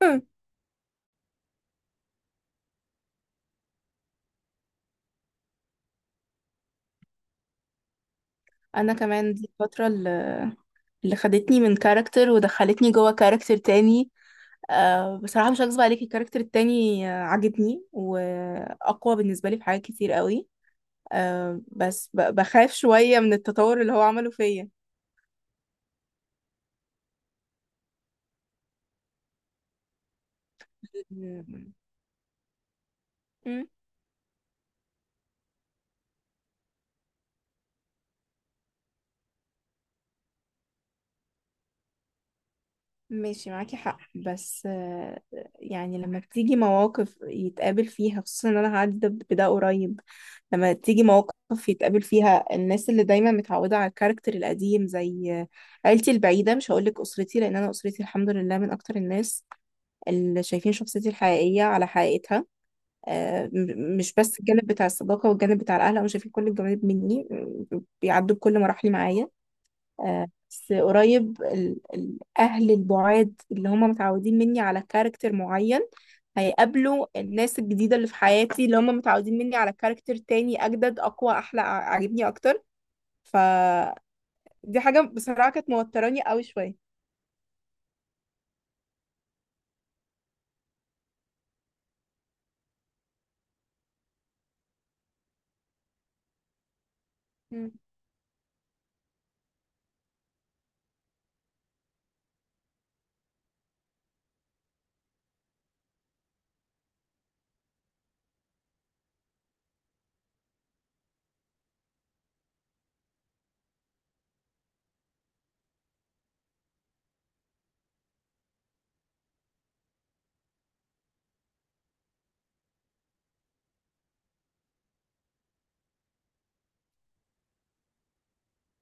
انا كمان دي الفترة اللي خدتني من كاركتر ودخلتني جوه كاركتر تاني. أه بصراحة مش هكذب عليكي، الكاركتر التاني عاجبني واقوى بالنسبة لي في حاجات كتير قوي. أه بس بخاف شوية من التطور اللي هو عمله فيا. مم. ماشي معاكي حق، بس يعني لما بتيجي مواقف يتقابل فيها، خصوصا ان انا هعدي ده بده قريب. لما تيجي مواقف يتقابل فيها الناس اللي دايما متعودة على الكاركتر القديم، زي عيلتي البعيدة. مش هقولك أسرتي لأن أنا أسرتي الحمد لله من أكتر الناس اللي شايفين شخصيتي الحقيقية على حقيقتها. مش بس الجانب بتاع الصداقة والجانب بتاع الأهل، هم شايفين كل الجوانب مني. بيعدوا بكل مراحلي معايا. بس قريب، الأهل البعاد اللي هم متعودين مني على كاركتر معين، هيقابلوا الناس الجديدة اللي في حياتي اللي هم متعودين مني على كاركتر تاني أجدد أقوى أحلى، عاجبني أكتر. فدي حاجة بصراحة كانت موتراني قوي شوية. مم.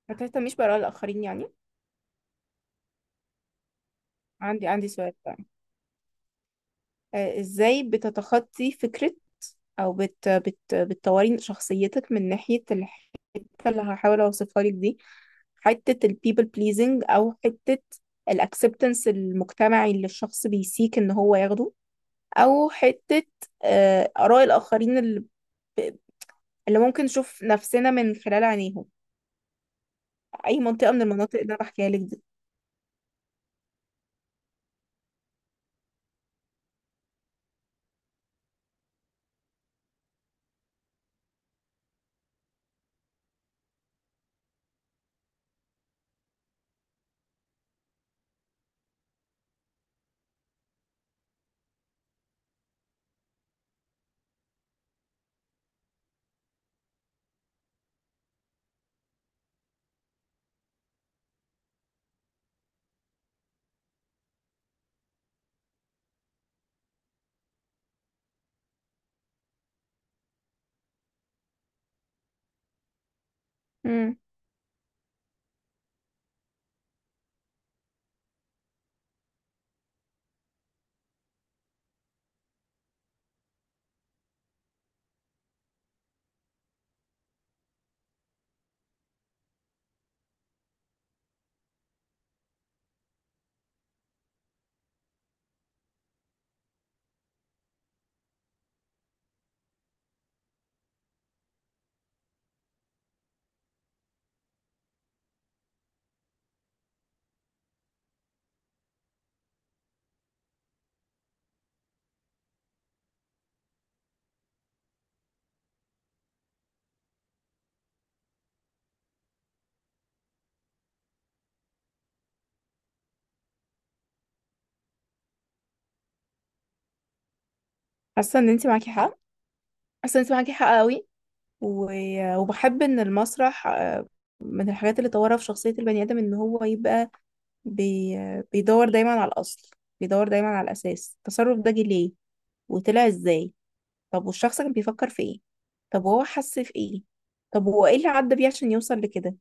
ما تهتميش بآراء الآخرين يعني؟ عندي سؤال بقى. إزاي بتتخطي فكرة، او بت بت بتطوري شخصيتك من ناحية الحتة اللي هحاول اوصفها لك دي؟ حتة ال people pleasing، او حتة ال acceptance المجتمعي اللي الشخص بيسيك ان هو ياخده، او حتة آراء الآخرين ب- اللي ممكن نشوف نفسنا من خلال عينيهم. اي منطقة من المناطق اللي انا بحكيها لك دي؟ مم. حاسة ان انت معاكي حق، حاسة ان انت معاكي حق قوي. وبحب ان المسرح، من الحاجات اللي طورها في شخصية البني آدم، ان هو يبقى بي... بيدور دايما على الأصل، بيدور دايما على الأساس. التصرف ده جه ليه وطلع ازاي؟ طب والشخص كان بيفكر في ايه؟ طب وهو حس في ايه؟ طب هو ايه اللي عدى بيه عشان يوصل لكده؟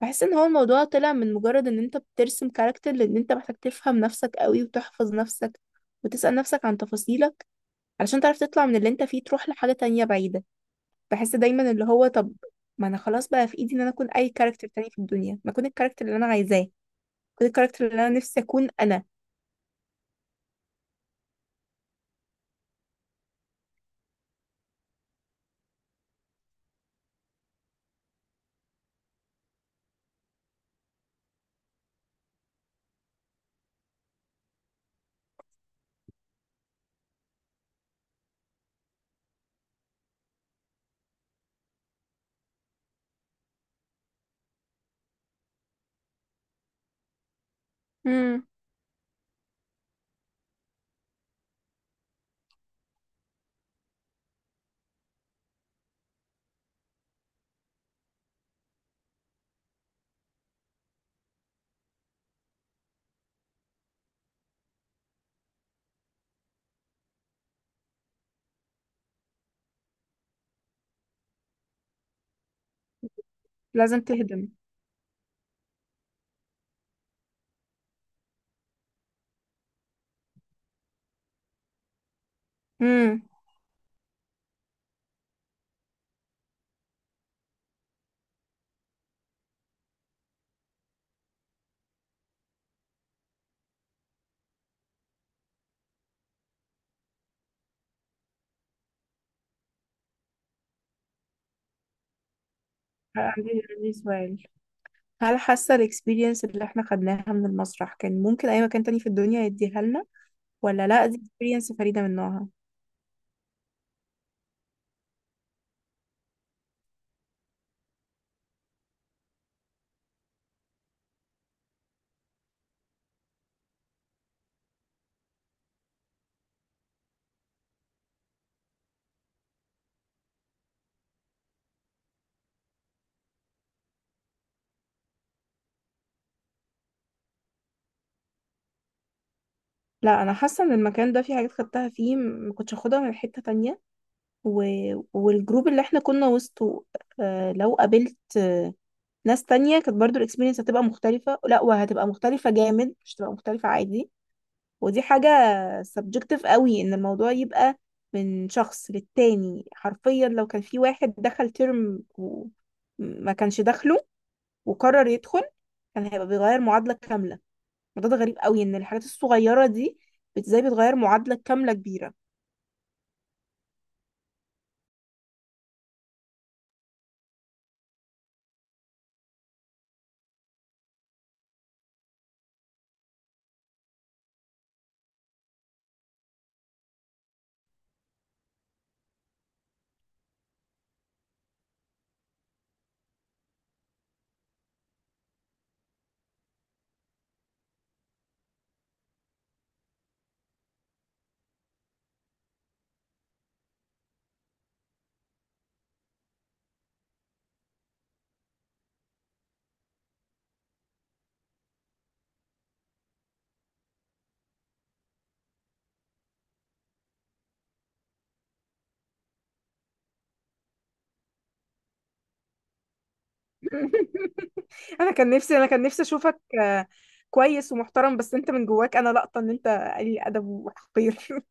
بحس ان هو الموضوع طلع من مجرد ان انت بترسم كاركتر، لان انت محتاج تفهم نفسك قوي وتحفظ نفسك وتسأل نفسك عن تفاصيلك علشان تعرف تطلع من اللي انت فيه تروح لحاجة تانية بعيدة. بحس دايما اللي هو، طب ما انا خلاص بقى في ايدي ان انا اكون اي كاركتر تاني في الدنيا، ما اكون الكاركتر اللي انا عايزاه. اكون الكاركتر اللي انا نفسي اكون انا. امم. لازم تهدم. امم. عندي سؤال. هل حاسة الاكسبيرينس اللي احنا خدناها من المسرح كان ممكن اي مكان تاني في الدنيا يديها لنا؟ ولا لا، دي اكسبيرينس فريدة من نوعها؟ لا، انا حاسة ان المكان ده في حاجات خدتها فيه ما كنتش اخدها من حتة تانية. و... والجروب اللي احنا كنا وسطه، آه لو قابلت آه ناس تانية، كانت برضو الاكسبيرينس هتبقى مختلفة. لا، وهتبقى مختلفة جامد، مش هتبقى مختلفة عادي. ودي حاجة subjective قوي، ان الموضوع يبقى من شخص للتاني. حرفيا لو كان في واحد دخل ترم وما كانش داخله وقرر يدخل، كان هيبقى بيغير معادلة كاملة. الموضوع ده غريب قوي، ان الحاجات الصغيرة دي ازاي بتغير معادلة كاملة كبيرة. انا كان نفسي اشوفك كويس ومحترم، بس انت من جواك. انا لقطة ان انت قليل ادب وحقير.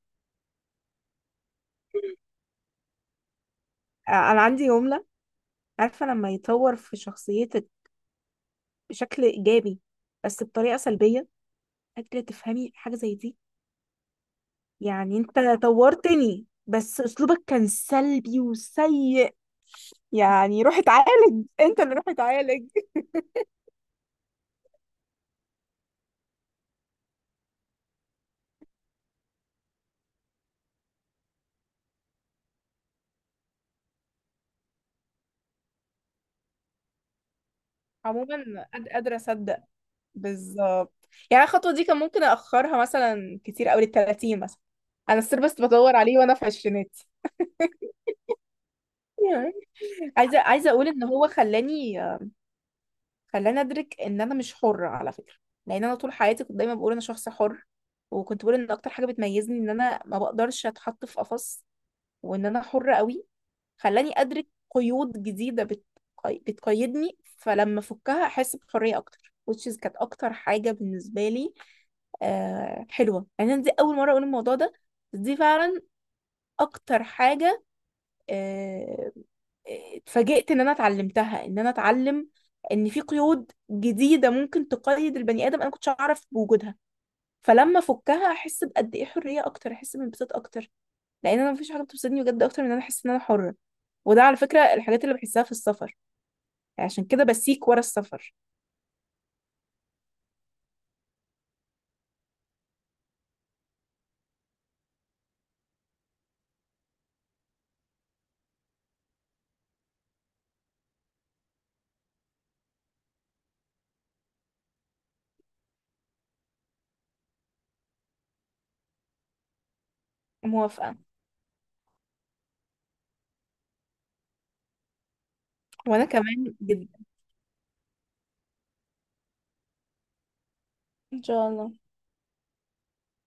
انا عندي جملة. عارفة لما يطور في شخصية بشكل ايجابي بس بطريقه سلبيه؟ قادره تفهمي حاجه زي دي؟ يعني انت طورتني، بس اسلوبك كان سلبي وسيء. يعني روح اتعالج انت اللي روح اتعالج. عموما قادرة أصدق. بالظبط. يعني الخطوة دي كان ممكن أأخرها مثلا كتير أوي للتلاتين مثلا. أنا السيرفس بدور عليه وأنا في عشريناتي. عايزة أقول إن هو خلاني، خلاني ادرك ان انا مش حرة على فكرة. لان انا طول حياتي كنت دايما بقول انا شخص حر، وكنت بقول ان اكتر حاجة بتميزني ان انا ما بقدرش اتحط في قفص، وان انا حرة قوي. خلاني ادرك قيود جديدة بتقيدني، فلما افكها احس بحرية اكتر، which is كانت اكتر حاجة بالنسبة لي. آه حلوة، يعني انا دي اول مرة اقول الموضوع ده، بس دي فعلا اكتر حاجة آه، اتفاجئت ان انا اتعلمتها. ان انا اتعلم ان في قيود جديده ممكن تقيد البني ادم انا كنتش اعرف بوجودها، فلما افكها احس بقد ايه حريه اكتر، احس بانبساط اكتر. لان انا مفيش حاجه بتبسطني بجد اكتر من ان انا احس ان انا حره. وده على فكره الحاجات اللي بحسها في السفر، يعني عشان كده بسيك ورا السفر. موافقه. وانا كمان جدا. ان شاء الله.